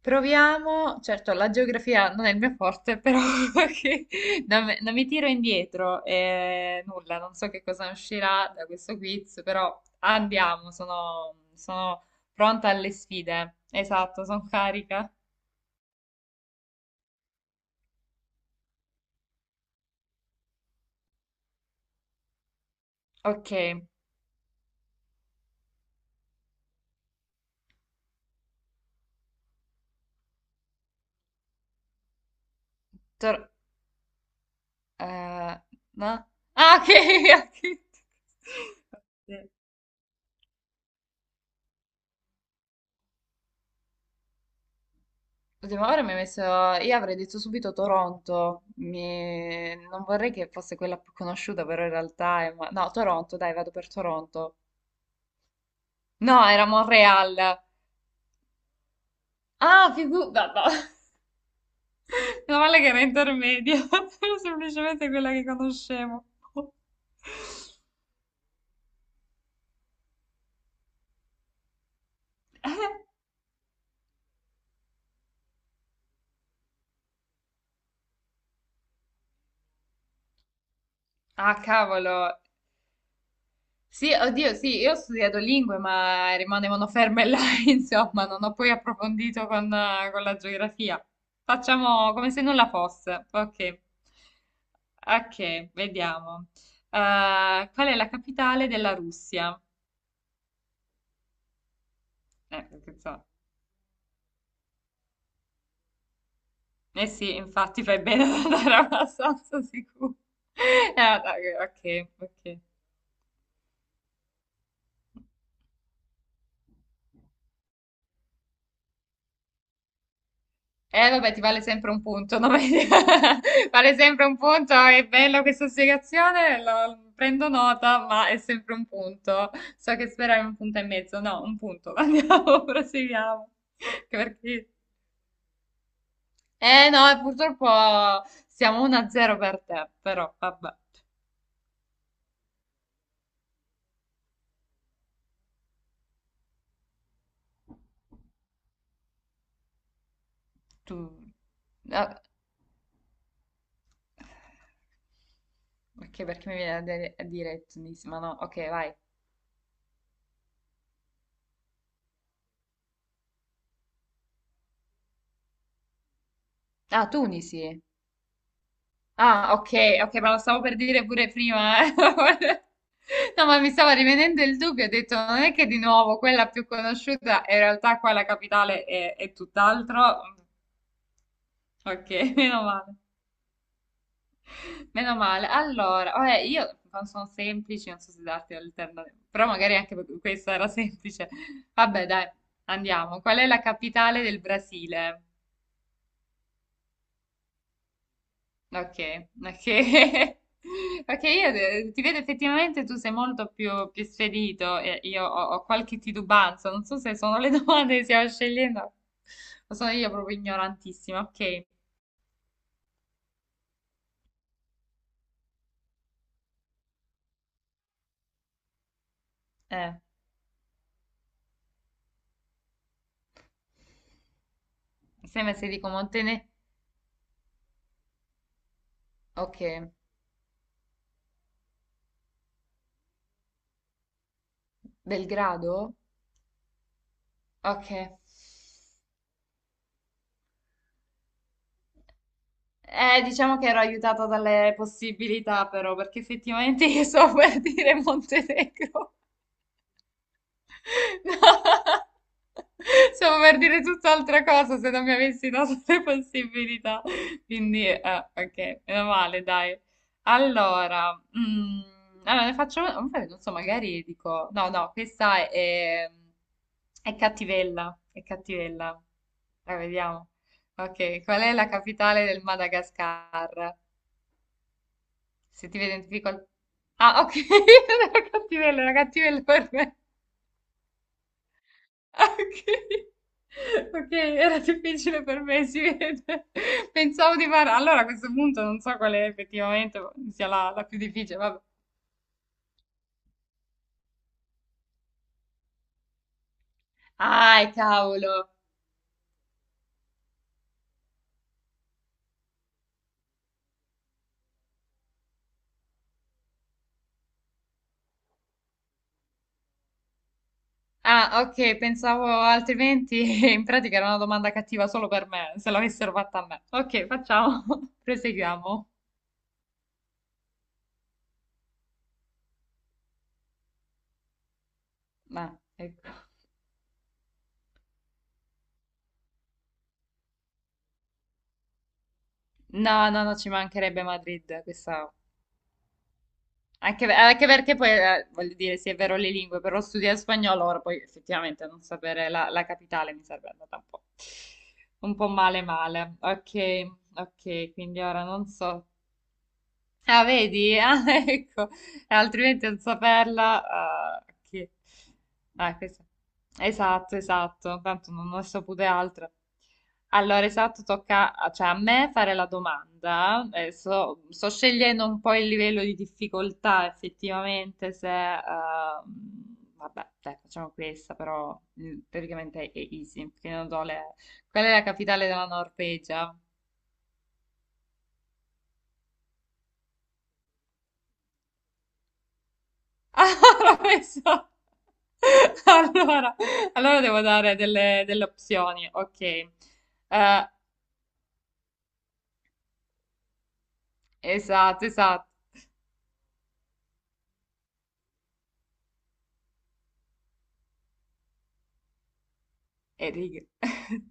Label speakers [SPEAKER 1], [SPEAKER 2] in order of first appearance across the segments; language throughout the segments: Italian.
[SPEAKER 1] Proviamo, certo, la geografia non è il mio forte, però che- non mi tiro indietro e nulla, non so che cosa uscirà da questo quiz, però andiamo, sono pronta alle sfide. Esatto, sono carica. Ok, tor- eh, no? Ah, ok, ok. L'ultima ora mi ha messo, io avrei detto subito Toronto, non vorrei che fosse quella più conosciuta, però in realtà è, no, Toronto, dai, vado per Toronto. No, era Montreal. Ah, no, no. Meno male che era intermedia, era semplicemente quella che conoscevo. Ah, cavolo, sì, oddio, sì, io ho studiato lingue, ma rimanevano ferme là, insomma, non ho poi approfondito con la geografia. Facciamo come se nulla fosse. Ok, ok, vediamo. Qual è la capitale della Russia? Che so. Eh sì, infatti fai bene ad andare abbastanza sicuro. Dai, ok, ok. Vabbè, ti vale sempre un punto, no? Vale sempre un punto, è bella questa spiegazione, prendo nota, ma è sempre un punto. So che speravi un punto e mezzo, no, un punto. Andiamo, proseguiamo. Che Perché. No, purtroppo siamo 1-0 per te, però vabbè. Tu... ah, Ok, perché mi viene a dire Tunisi, ma no, ok, vai. Ah, Tunisi. Ah, ok, ok, ma lo stavo per dire pure prima. No, ma mi stava rivenendo il dubbio, ho detto, non è che di nuovo quella più conosciuta, in realtà qua la capitale è tutt'altro. Ok, meno male. Meno male. Allora, vabbè, io non sono semplici, non so se darti l'alternativa, però magari anche questa era semplice. Vabbè, dai, andiamo. Qual è la capitale del Brasile? Ok, ok. Perché io ti vedo effettivamente tu sei molto più spedito e io ho qualche titubanza, non so se sono le domande che stiamo scegliendo o sono io proprio ignorantissima. Ok, eh, mi sembra se dico ok, Belgrado? Ok. Diciamo che ero aiutata dalle possibilità però, perché effettivamente io so per dire Montenegro. No. Stavo per dire tutt'altra cosa se non mi avessi dato le possibilità. Quindi, ok, meno male, dai. Allora, ne faccio una, non so, magari dico, no, no, questa è cattivella, è cattivella. La vediamo. Ok, qual è la capitale del Madagascar? Se ti vedi in difficoltà. Ah, ok, era cattivella per me. Ah, ok. Ok, era difficile per me, si vede. Pensavo di fare. Allora a questo punto non so quale effettivamente sia la più difficile, vabbè. Ah, cavolo. Ah, ok, pensavo altrimenti in pratica era una domanda cattiva solo per me, se l'avessero fatta a me. Ok, facciamo. Proseguiamo. Ma, ecco. No, no, no, ci mancherebbe Madrid, questa anche perché poi, voglio dire, sì, è vero le lingue, però studiare spagnolo ora poi effettivamente non sapere la capitale mi sarebbe andata un po', male male. Ok, ok, quindi ora non so. Ah, vedi? Ah, ecco, altrimenti non saperla. Che... Ah, questo- Esatto, esatto, tanto non ho saputo altro. Allora, esatto, tocca cioè, a me fare la domanda. Adesso sto scegliendo un po' il livello di difficoltà, effettivamente, se, vabbè, dai, facciamo questa, però teoricamente è easy, perché non so Qual è la capitale della Norvegia? Ah, l'ho messo. Allora, allora, devo dare delle opzioni. Ok. Eh, esatto, esatto. E Riga.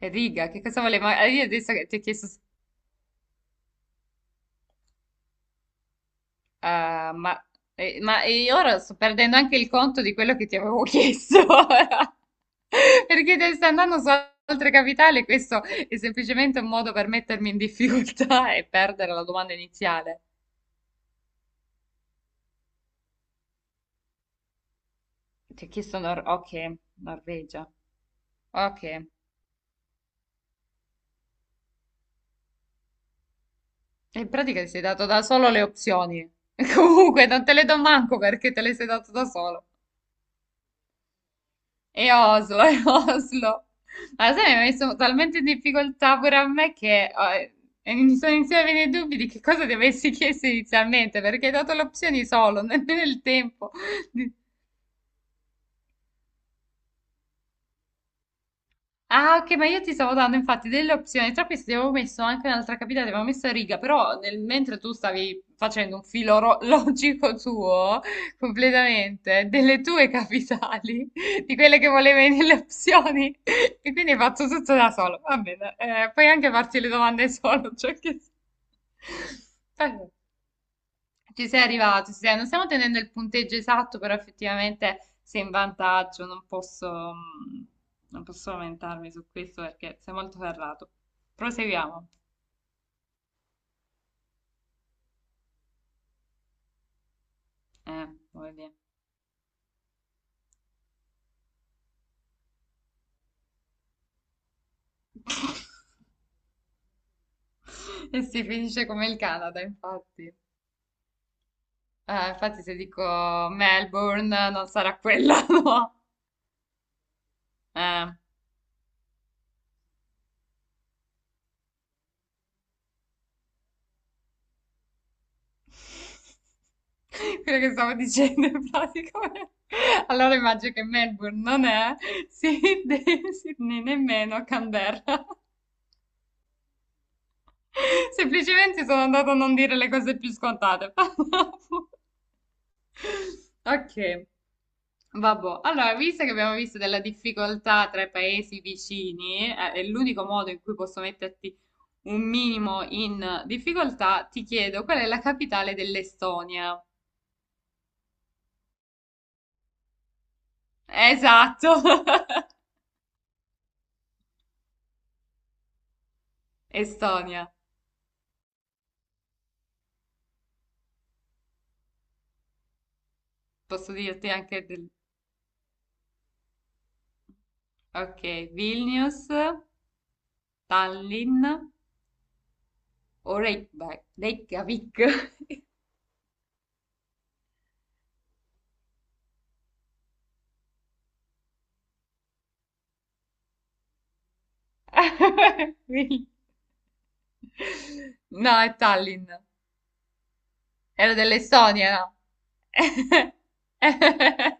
[SPEAKER 1] E Riga, che cosa volevo? Ah, io adesso che ti ho chiesto, eh, ma, ma io ora sto perdendo anche il conto di quello che ti avevo chiesto. Ora. Perché te stai andando su altre capitali, questo è semplicemente un modo per mettermi in difficoltà e perdere la domanda iniziale. Ti ho chiesto Norvegia. Ok, e in pratica ti sei dato da solo le opzioni. Comunque, non te le do manco perché te le sei dato da solo. E Oslo, e Oslo. Ma sai, mi ha messo talmente in difficoltà pure a me che e mi sono iniziati a venire i dubbi di che cosa ti avessi chiesto inizialmente, perché hai dato le opzioni solo, nemmeno il tempo. Ah, ok, ma io ti stavo dando infatti delle opzioni. Tra queste avevo messo anche un'altra capitale, avevo messo a Riga, però mentre tu stavi facendo un filo logico tuo, completamente, delle tue capitali, di quelle che volevi nelle opzioni, e quindi hai fatto tutto da solo. Va bene, puoi anche farti le domande solo, cioè che. Ci sei arrivato, ci sei. Non stiamo tenendo il punteggio esatto, però effettivamente sei in vantaggio, non posso lamentarmi su questo perché sei molto ferrato. Proseguiamo. Voglio dire. E si finisce come il Canada, infatti. Infatti se dico Melbourne non sarà quella, no? Eh. Quello che stavo dicendo in pratica. Allora immagino che Melbourne non è Sydney, nemmeno Canberra. Semplicemente sono andata a non dire le cose più scontate. Ok, vabbè. Allora, visto che abbiamo visto della difficoltà tra i paesi vicini, è l'unico modo in cui posso metterti un minimo in difficoltà, ti chiedo qual è la capitale dell'Estonia? Esatto. Estonia, posso dirti anche del. Ok, Vilnius, Tallinn o Reykjavik. Reykjavik. Vil- No, è Tallinn. Era dell'Estonia, no?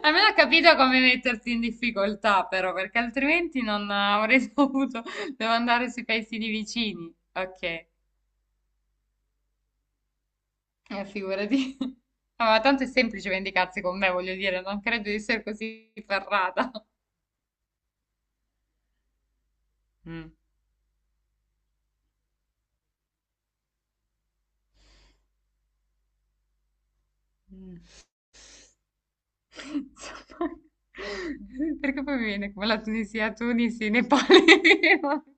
[SPEAKER 1] Almeno ho capito come metterti in difficoltà, però, perché altrimenti non avrei dovuto. Devo andare sui paesini vicini. Ok. Figurati. Ah, ma tanto è semplice vendicarsi con me, voglio dire, non credo di essere così ferrata. Mm. Mm. Insomma, perché poi mi viene come la Tunisia, Tunisi, Nepali.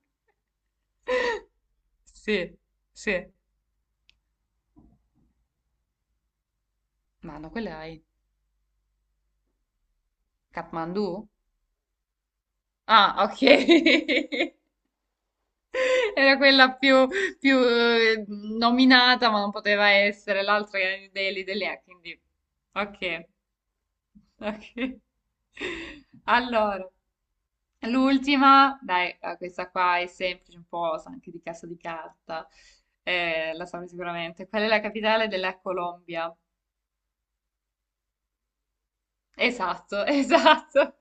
[SPEAKER 1] Sì, sì. Ma no, quella è Kathmandu? Ah, ok. Era quella più, nominata, ma non poteva essere l'altra che era New Delhi, Delhi, quindi. Ok. Ok. Allora, l'ultima, dai, questa qua è semplice, un po' sa anche di Casa di Carta. La saprai sicuramente. Qual è la capitale della Colombia? Esatto, esatto.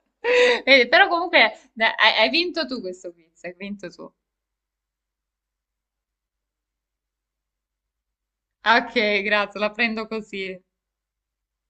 [SPEAKER 1] Però comunque dai, hai vinto tu questo quiz, hai vinto tu. Ok, grazie, la prendo così.